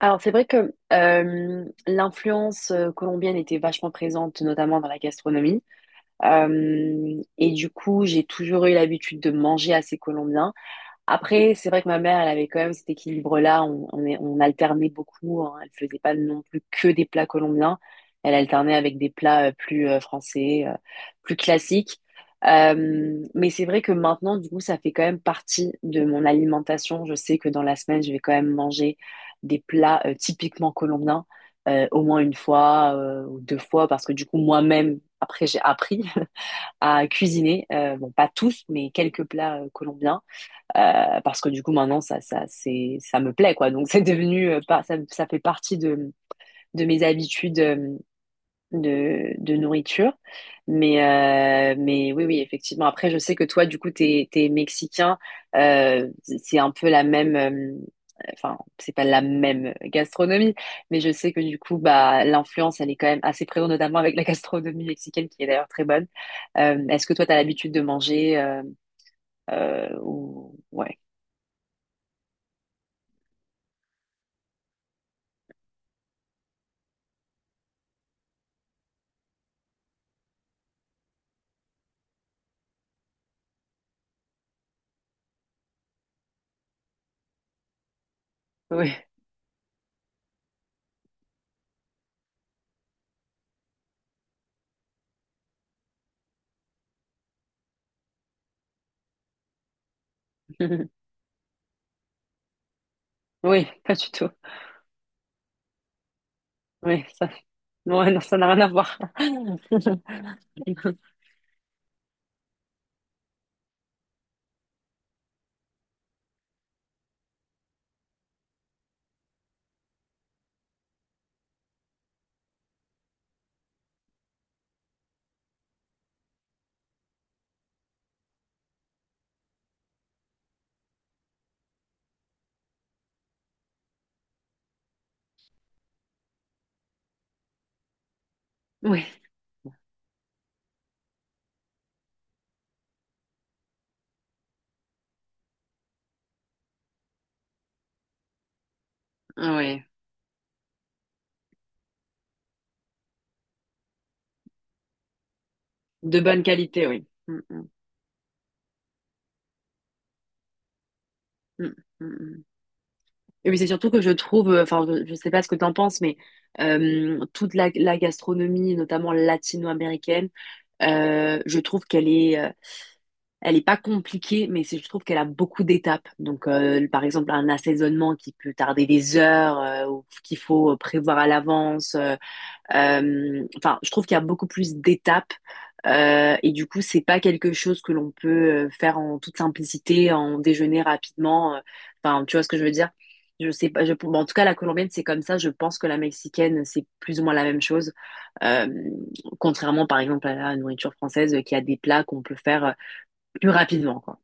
Alors, c'est vrai que l'influence colombienne était vachement présente, notamment dans la gastronomie. Et du coup, j'ai toujours eu l'habitude de manger assez colombien. Après, c'est vrai que ma mère, elle avait quand même cet équilibre-là. On alternait beaucoup, hein. Elle faisait pas non plus que des plats colombiens. Elle alternait avec des plats plus français, plus classiques. Mais c'est vrai que maintenant, du coup, ça fait quand même partie de mon alimentation. Je sais que dans la semaine, je vais quand même manger des plats typiquement colombiens, au moins une fois ou deux fois, parce que du coup, moi-même, après, j'ai appris à cuisiner. Bon, pas tous, mais quelques plats colombiens. Parce que du coup maintenant ça me plaît quoi, donc c'est devenu pas ça, ça fait partie de mes habitudes de nourriture. Mais oui, oui, effectivement, après je sais que toi, du coup, t'es mexicain, euh, c'est un peu la même, enfin, c'est pas la même gastronomie, mais je sais que du coup, bah, l'influence, elle est quand même assez présente, notamment avec la gastronomie mexicaine, qui est d'ailleurs très bonne. Est-ce que toi, t'as l'habitude de manger ou... Ouais. Oui. Oui, pas du tout. Oui, ça, ouais, non, ça n'a rien à voir. Oui, oui. De bonne qualité, oui. Mm, mm, mm, mm, mm. Et puis c'est surtout que je trouve, enfin, je sais pas ce que t'en penses, mais toute la gastronomie, notamment latino-américaine, je trouve qu'elle est, elle est pas compliquée, mais je trouve qu'elle a beaucoup d'étapes. Donc, par exemple, un assaisonnement qui peut tarder des heures, ou qu'il faut prévoir à l'avance. Enfin, je trouve qu'il y a beaucoup plus d'étapes et du coup, c'est pas quelque chose que l'on peut faire en toute simplicité, en déjeuner rapidement. Enfin, tu vois ce que je veux dire? Je sais pas. Bon, en tout cas, la colombienne, c'est comme ça. Je pense que la mexicaine, c'est plus ou moins la même chose. Euh, contrairement, par exemple, à la nourriture française, qui a des plats qu'on peut faire plus rapidement, quoi.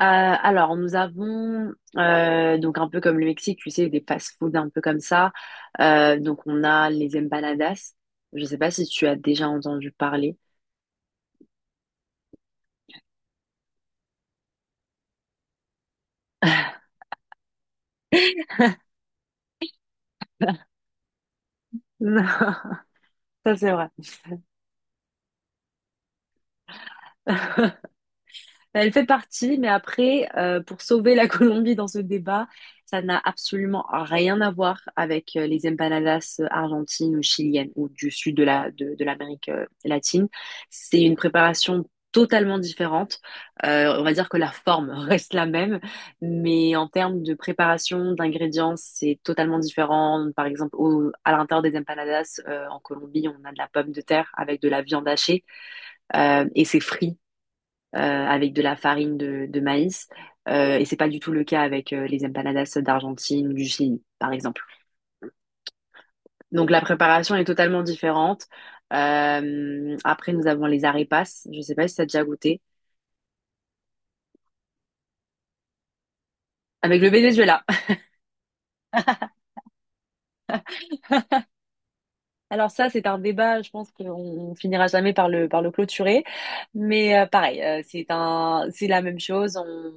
Alors, nous avons, donc un peu comme le Mexique, tu sais, des fast-food un peu comme ça. Donc, on a les empanadas. Je sais pas si tu as déjà entendu parler. Non, ça c'est vrai. Bah, elle fait partie, mais après, pour sauver la Colombie dans ce débat, ça n'a absolument rien à voir avec les empanadas argentines ou chiliennes ou du sud de de l'Amérique latine. C'est une préparation totalement différente. On va dire que la forme reste la même, mais en termes de préparation, d'ingrédients, c'est totalement différent. Par exemple, à l'intérieur des empanadas, en Colombie, on a de la pomme de terre avec de la viande hachée et c'est frit avec de la farine de maïs. Et c'est pas du tout le cas avec les empanadas d'Argentine ou du Chili, par exemple. Donc la préparation est totalement différente. Après, nous avons les arepas. Je sais pas si ça a déjà goûté. Avec le Venezuela. Alors ça, c'est un débat, je pense qu'on finira jamais par le clôturer. Mais pareil, c'est la même chose.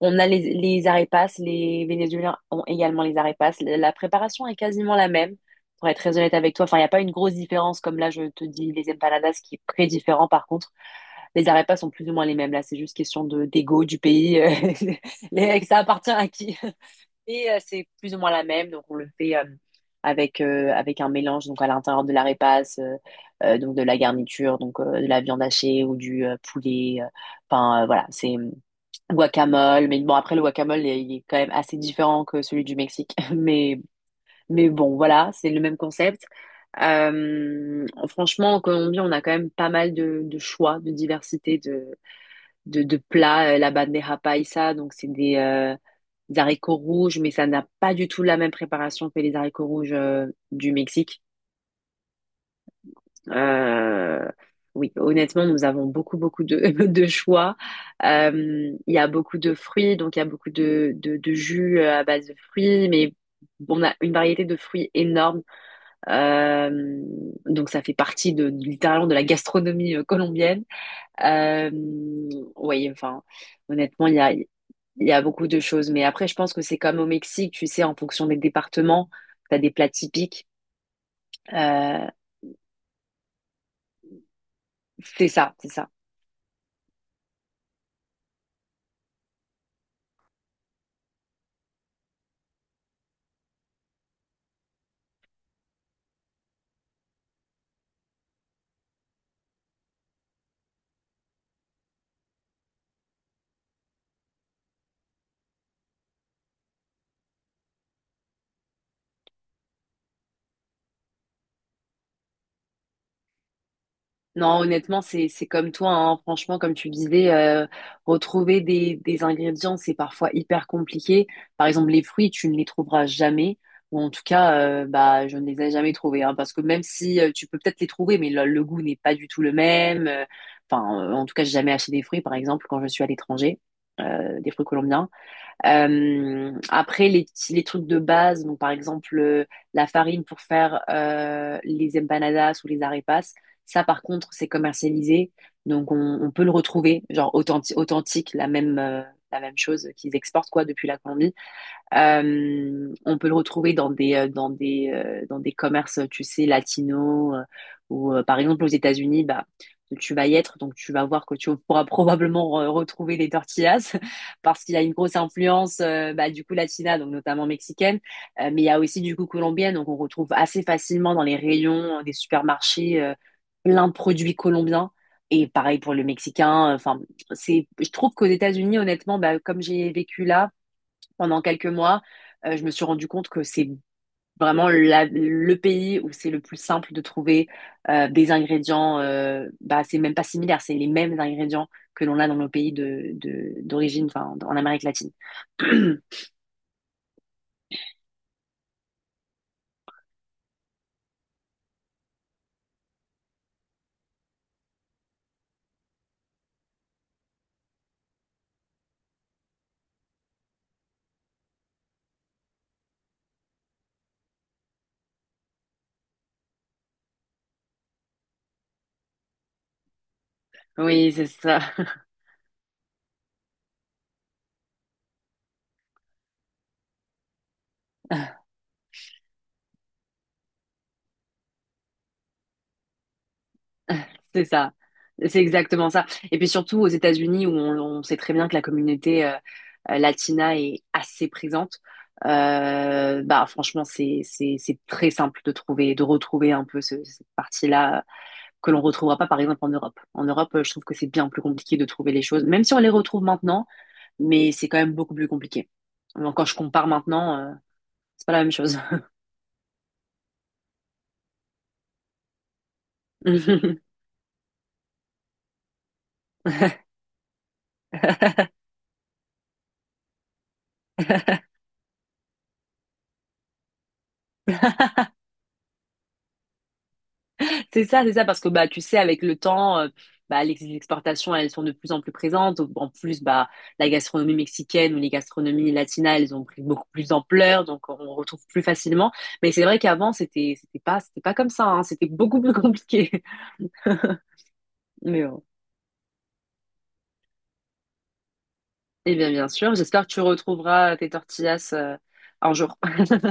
On a les arepas, les Vénézuéliens ont également les arepas. La préparation est quasiment la même, pour être très honnête avec toi. Enfin, il n'y a pas une grosse différence, comme là, je te dis, les empanadas, qui est très différent par contre. Les arepas sont plus ou moins les mêmes. Là, c'est juste question de d'ego du pays. Ça appartient à qui. C'est plus ou moins la même, donc on le fait avec, avec un mélange, donc à l'intérieur de l'arepas, donc de la garniture, donc de la viande hachée ou du poulet. Enfin, voilà, c'est... Guacamole, mais bon, après, le guacamole, il est quand même assez différent que celui du Mexique. Mais bon, voilà, c'est le même concept. Franchement, en Colombie, on a quand même pas mal de choix, de diversité de plats. La bandeja paisa, donc c'est des haricots rouges, mais ça n'a pas du tout la même préparation que les haricots rouges du Mexique. Euh, oui, honnêtement, nous avons beaucoup, beaucoup de, de choix. Il y a beaucoup de fruits, donc il y a beaucoup de, de jus à base de fruits, mais on a une variété de fruits énorme. Euh, donc ça fait partie de, littéralement de la gastronomie colombienne. Euh, oui, enfin, honnêtement, il y a beaucoup de choses. Mais après, je pense que c'est comme au Mexique, tu sais, en fonction des départements, tu as des plats typiques. Euh, c'est ça, c'est ça. Non, honnêtement, c'est comme toi, hein. Franchement, comme tu disais, retrouver des ingrédients, c'est parfois hyper compliqué. Par exemple, les fruits, tu ne les trouveras jamais. Ou en tout cas, bah, je ne les ai jamais trouvés, hein, parce que même si tu peux peut-être les trouver, mais le goût n'est pas du tout le même. Enfin, en tout cas, j'ai jamais acheté des fruits, par exemple, quand je suis à l'étranger, des fruits colombiens. Après, les trucs de base, donc par exemple la farine pour faire les empanadas ou les arepas, ça par contre, c'est commercialisé. Donc on peut le retrouver, genre authentique, la même chose qu'ils exportent quoi depuis la Colombie. On peut le retrouver dans des, dans des commerces, tu sais, latinos, ou par exemple aux États-Unis, bah, tu vas y être, donc tu vas voir que tu pourras probablement retrouver les tortillas, parce qu'il y a une grosse influence, bah, du coup, latina, donc notamment mexicaine. Mais il y a aussi du coup colombienne, donc on retrouve assez facilement dans les rayons des supermarchés plein de produits colombiens. Et pareil pour le mexicain. Enfin, c'est, je trouve qu'aux États-Unis, honnêtement, bah, comme j'ai vécu là, pendant quelques mois, je me suis rendu compte que c'est vraiment le pays où c'est le plus simple de trouver des ingrédients, bah, c'est même pas similaire, c'est les mêmes ingrédients que l'on a dans nos pays de, d'origine, enfin, en Amérique latine. Oui, c'est ça. C'est ça. C'est exactement ça. Et puis surtout aux États-Unis, où on sait très bien que la communauté latina est assez présente, bah franchement, c'est très simple de trouver, de retrouver un peu cette partie-là que l'on retrouvera pas, par exemple, en Europe. En Europe, je trouve que c'est bien plus compliqué de trouver les choses, même si on les retrouve maintenant, mais c'est quand même beaucoup plus compliqué. Donc, quand je compare maintenant, c'est pas la même chose. C'est ça, parce que bah tu sais, avec le temps, bah, les exportations, elles sont de plus en plus présentes. En plus, bah la gastronomie mexicaine ou les gastronomies latinas, elles ont pris beaucoup plus d'ampleur, donc on retrouve plus facilement. Mais c'est vrai qu'avant, c'était pas comme ça, hein, c'était beaucoup plus compliqué. Mais bon. Eh bien, bien sûr, j'espère que tu retrouveras tes tortillas un jour.